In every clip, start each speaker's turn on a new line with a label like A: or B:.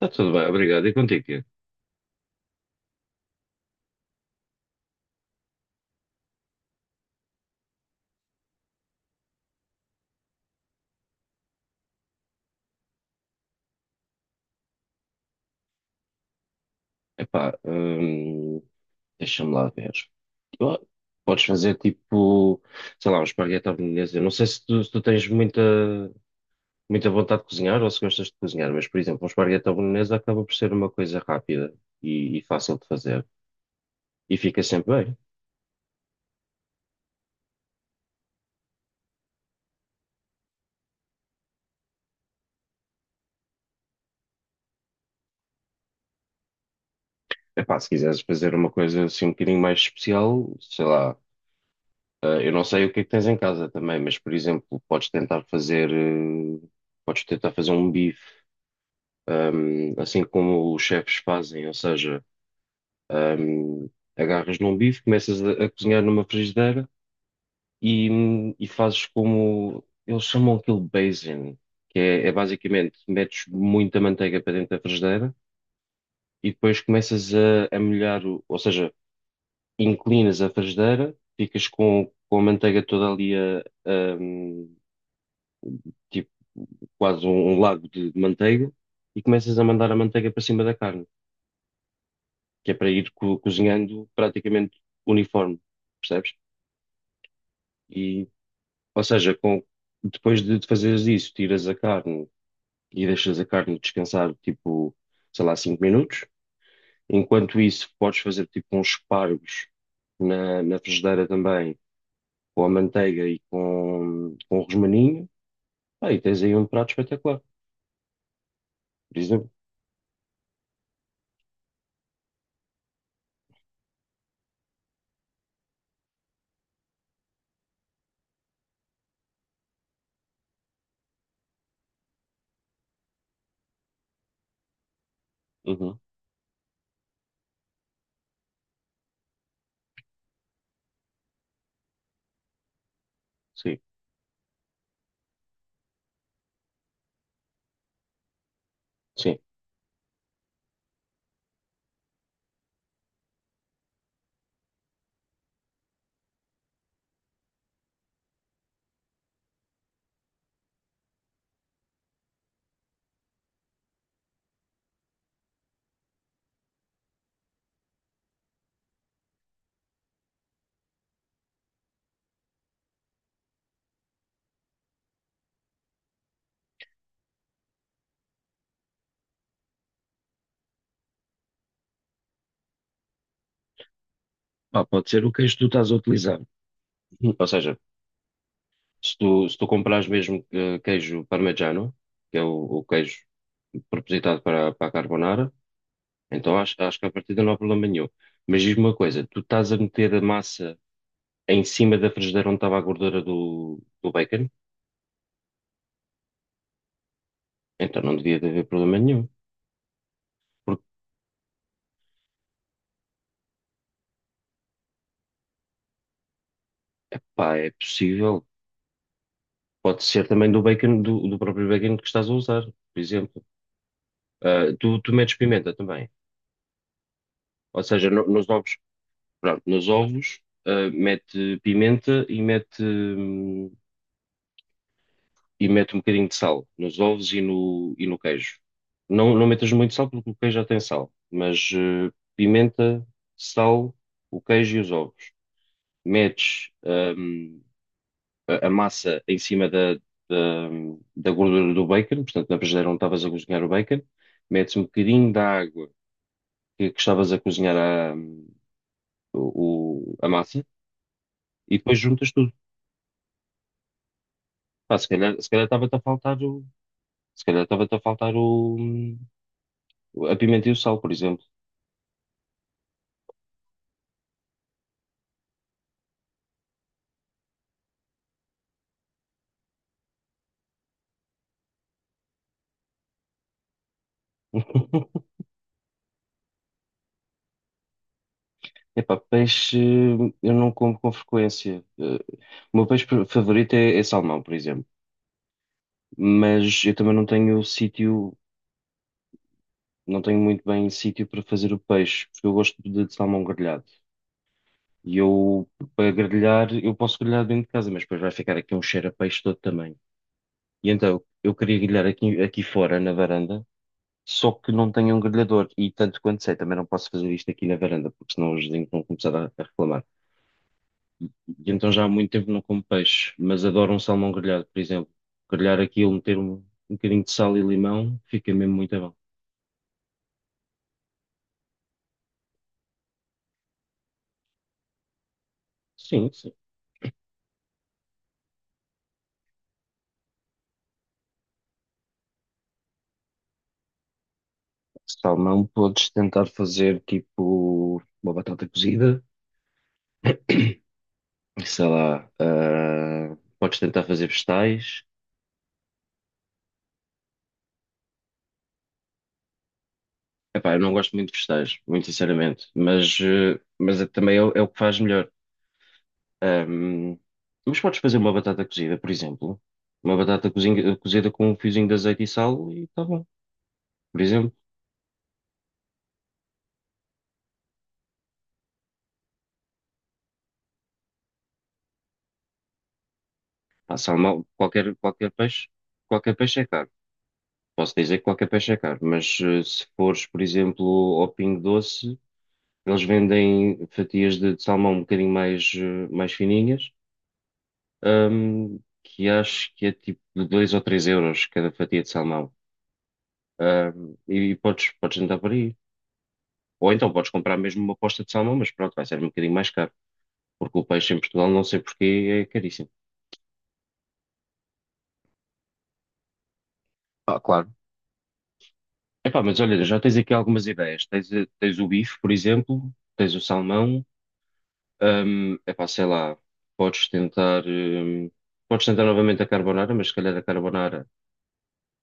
A: Está tudo bem, obrigado. E contigo, Tiago? Epá, deixa-me lá ver. Ah, podes fazer tipo, sei lá, um esparguete à bolonhesa. Eu não sei se tu tens muita, muita vontade de cozinhar ou se gostas de cozinhar, mas, por exemplo, um esparguete à bolonhesa acaba por ser uma coisa rápida e fácil de fazer. E fica sempre bem. Epá, se quiseres fazer uma coisa assim um bocadinho mais especial, sei lá, ah, eu não sei o que é que tens em casa também, mas, por exemplo, podes tentar fazer, um bife assim como os chefes fazem, ou seja, um, agarras num bife, começas a cozinhar numa frigideira e, e fazes como eles chamam aquilo basin, que é basicamente metes muita manteiga para dentro da frigideira e depois começas a molhar, ou seja, inclinas a frigideira, ficas com a manteiga toda ali tipo quase um lago de manteiga. E começas a mandar a manteiga para cima da carne, que é para ir cozinhando praticamente uniforme, percebes? E, ou seja, depois de fazeres isso, tiras a carne e deixas a carne descansar, tipo, sei lá, 5 minutos. Enquanto isso, podes fazer tipo uns espargos na frigideira também, com a manteiga e com o rosmaninho. Ah, e tens aí um prato espetacular, por exemplo. Uhum, sim, sim. Ah, pode ser o queijo que tu estás a utilizar. Ou seja, se tu comprares mesmo queijo parmegiano, que é o queijo propositado para a carbonara, então acho que a partida não há problema nenhum. Mas diz-me uma coisa, tu estás a meter a massa em cima da frigideira onde estava a gordura do bacon? Então não devia de haver problema nenhum. Porque, pá, é possível. Pode ser também do bacon, do próprio bacon que estás a usar, por exemplo. Ah, tu metes pimenta também. Ou seja, nos ovos, pronto, nos ovos, ah, mete pimenta e mete um bocadinho de sal nos ovos e no queijo. Não, não metas muito sal porque o queijo já tem sal, mas pimenta, sal, o queijo e os ovos. Metes a massa em cima da, da gordura do bacon, portanto, na frigideira onde estavas a cozinhar o bacon, metes um bocadinho da água que estavas a cozinhar a massa e depois juntas tudo. Pá, se calhar estava-te a faltar o, a pimenta e o sal, por exemplo. Epá, peixe eu não como com frequência. O meu peixe favorito é salmão, por exemplo. Mas eu também não tenho sítio, não tenho muito bem sítio para fazer o peixe, porque eu gosto de salmão grelhado. E eu, para grelhar, eu posso grelhar dentro de casa, mas depois vai ficar aqui um cheiro a peixe todo também. E então, eu queria grelhar aqui fora, na varanda. Só que não tenho um grelhador e tanto quanto sei, também não posso fazer isto aqui na varanda, porque senão os vizinhos vão começar a reclamar. E então já há muito tempo não como peixe, mas adoro um salmão grelhado, por exemplo. Grelhar aquilo, meter um bocadinho de sal e limão, fica mesmo muito bom. Sim, sim. Salmão podes tentar fazer tipo uma batata cozida, sei lá, ah, podes tentar fazer vegetais. Epá, eu não gosto muito de vegetais, muito sinceramente, mas também é, o é o que faz melhor. Ahm, mas podes fazer uma batata cozida, por exemplo. Uma batata cozida com um fiozinho de azeite e sal e está bom. Por exemplo, pá, salmão, qualquer peixe, qualquer peixe é caro. Posso dizer que qualquer peixe é caro, mas se fores, por exemplo, ao Pingo Doce, eles vendem fatias de salmão um bocadinho mais fininhas, que acho que é tipo de 2 ou 3 euros cada fatia de salmão. E, podes andar por aí. Ou então podes comprar mesmo uma posta de salmão, mas pronto, vai ser um bocadinho mais caro, porque o peixe em Portugal, não sei porquê, é caríssimo. Ah, claro. Epá, mas olha, já tens aqui algumas ideias. Tens o bife, por exemplo, tens o salmão, epá, sei lá, podes tentar, hum, podes tentar novamente a carbonara, mas se calhar a carbonara,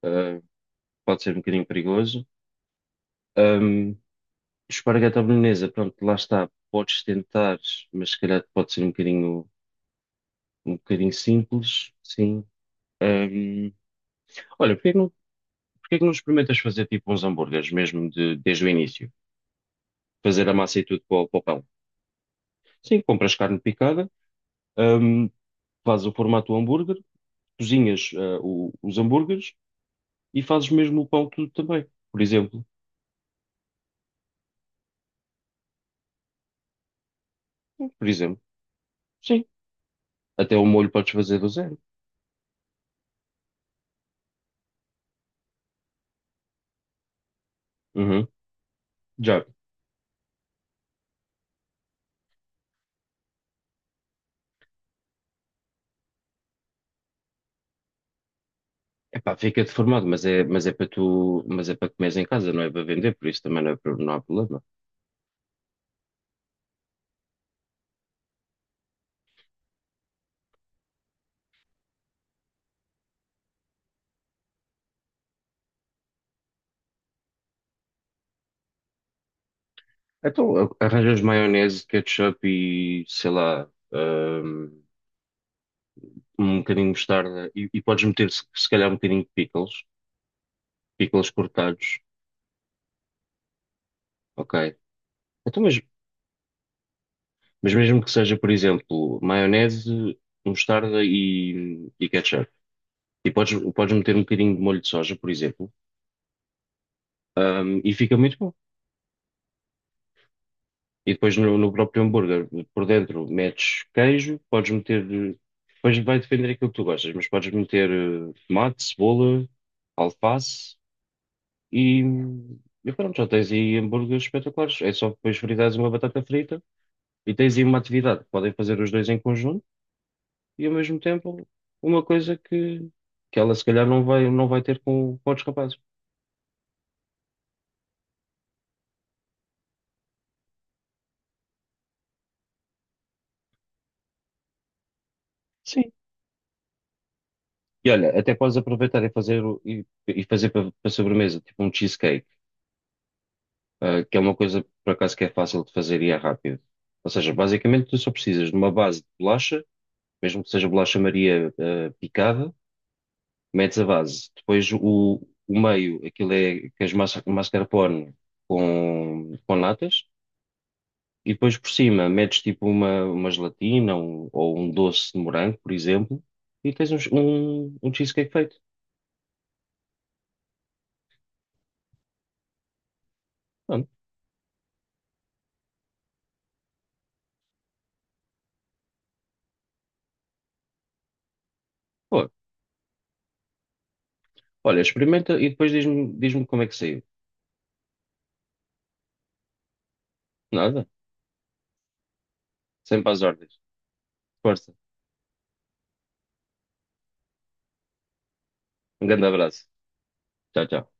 A: eh, pode ser um bocadinho perigoso. Hum, Esparguete à bolonhesa, pronto, lá está, podes tentar, mas se calhar pode ser um bocadinho simples, sim. Hum, Olha, porque Porquê que não experimentas fazer tipo uns hambúrgueres mesmo desde o início? Fazer a massa e tudo para o pão. Sim, compras carne picada, hum, fazes o formato do hambúrguer, cozinhas, ah, os hambúrgueres e fazes mesmo o pão tudo também, por exemplo. Por exemplo, sim. Até o molho podes fazer do zero. Uhum. Já. Epá, fica deformado, mas é para tu, mas é para comeres em casa, não é para vender, por isso também não, não há problema. Então, arranjas maionese, ketchup e, sei lá, um bocadinho de mostarda e podes meter se calhar um bocadinho de pickles, pickles cortados, ok. Então, mas mesmo que seja, por exemplo, maionese, mostarda e ketchup. E podes meter um bocadinho de molho de soja, por exemplo, e fica muito bom. E depois no próprio hambúrguer, por dentro, metes queijo, podes meter. Depois vai depender daquilo que tu gostas, mas podes meter tomate, cebola, alface. E, e pronto, já tens aí hambúrgueres espetaculares. É só depois fritares uma batata frita e tens aí uma atividade. Podem fazer os dois em conjunto e ao mesmo tempo uma coisa que ela se calhar não vai ter com outros rapazes. Sim. E olha, até podes aproveitar e fazer para sobremesa, tipo um cheesecake, ah, que é uma coisa por acaso que é fácil de fazer e é rápido. Ou seja, basicamente tu só precisas de uma base de bolacha, mesmo que seja bolacha Maria, ah, picada, metes a base, depois o meio, aquilo é que és mascarpone com natas, e depois por cima metes tipo uma gelatina ou um doce de morango, por exemplo, e tens um cheesecake feito. Pronto. Pô, olha, experimenta e depois diz-me como é que saiu. Nada, sempre às ordens. Força, um grande abraço. Tchau, tchau.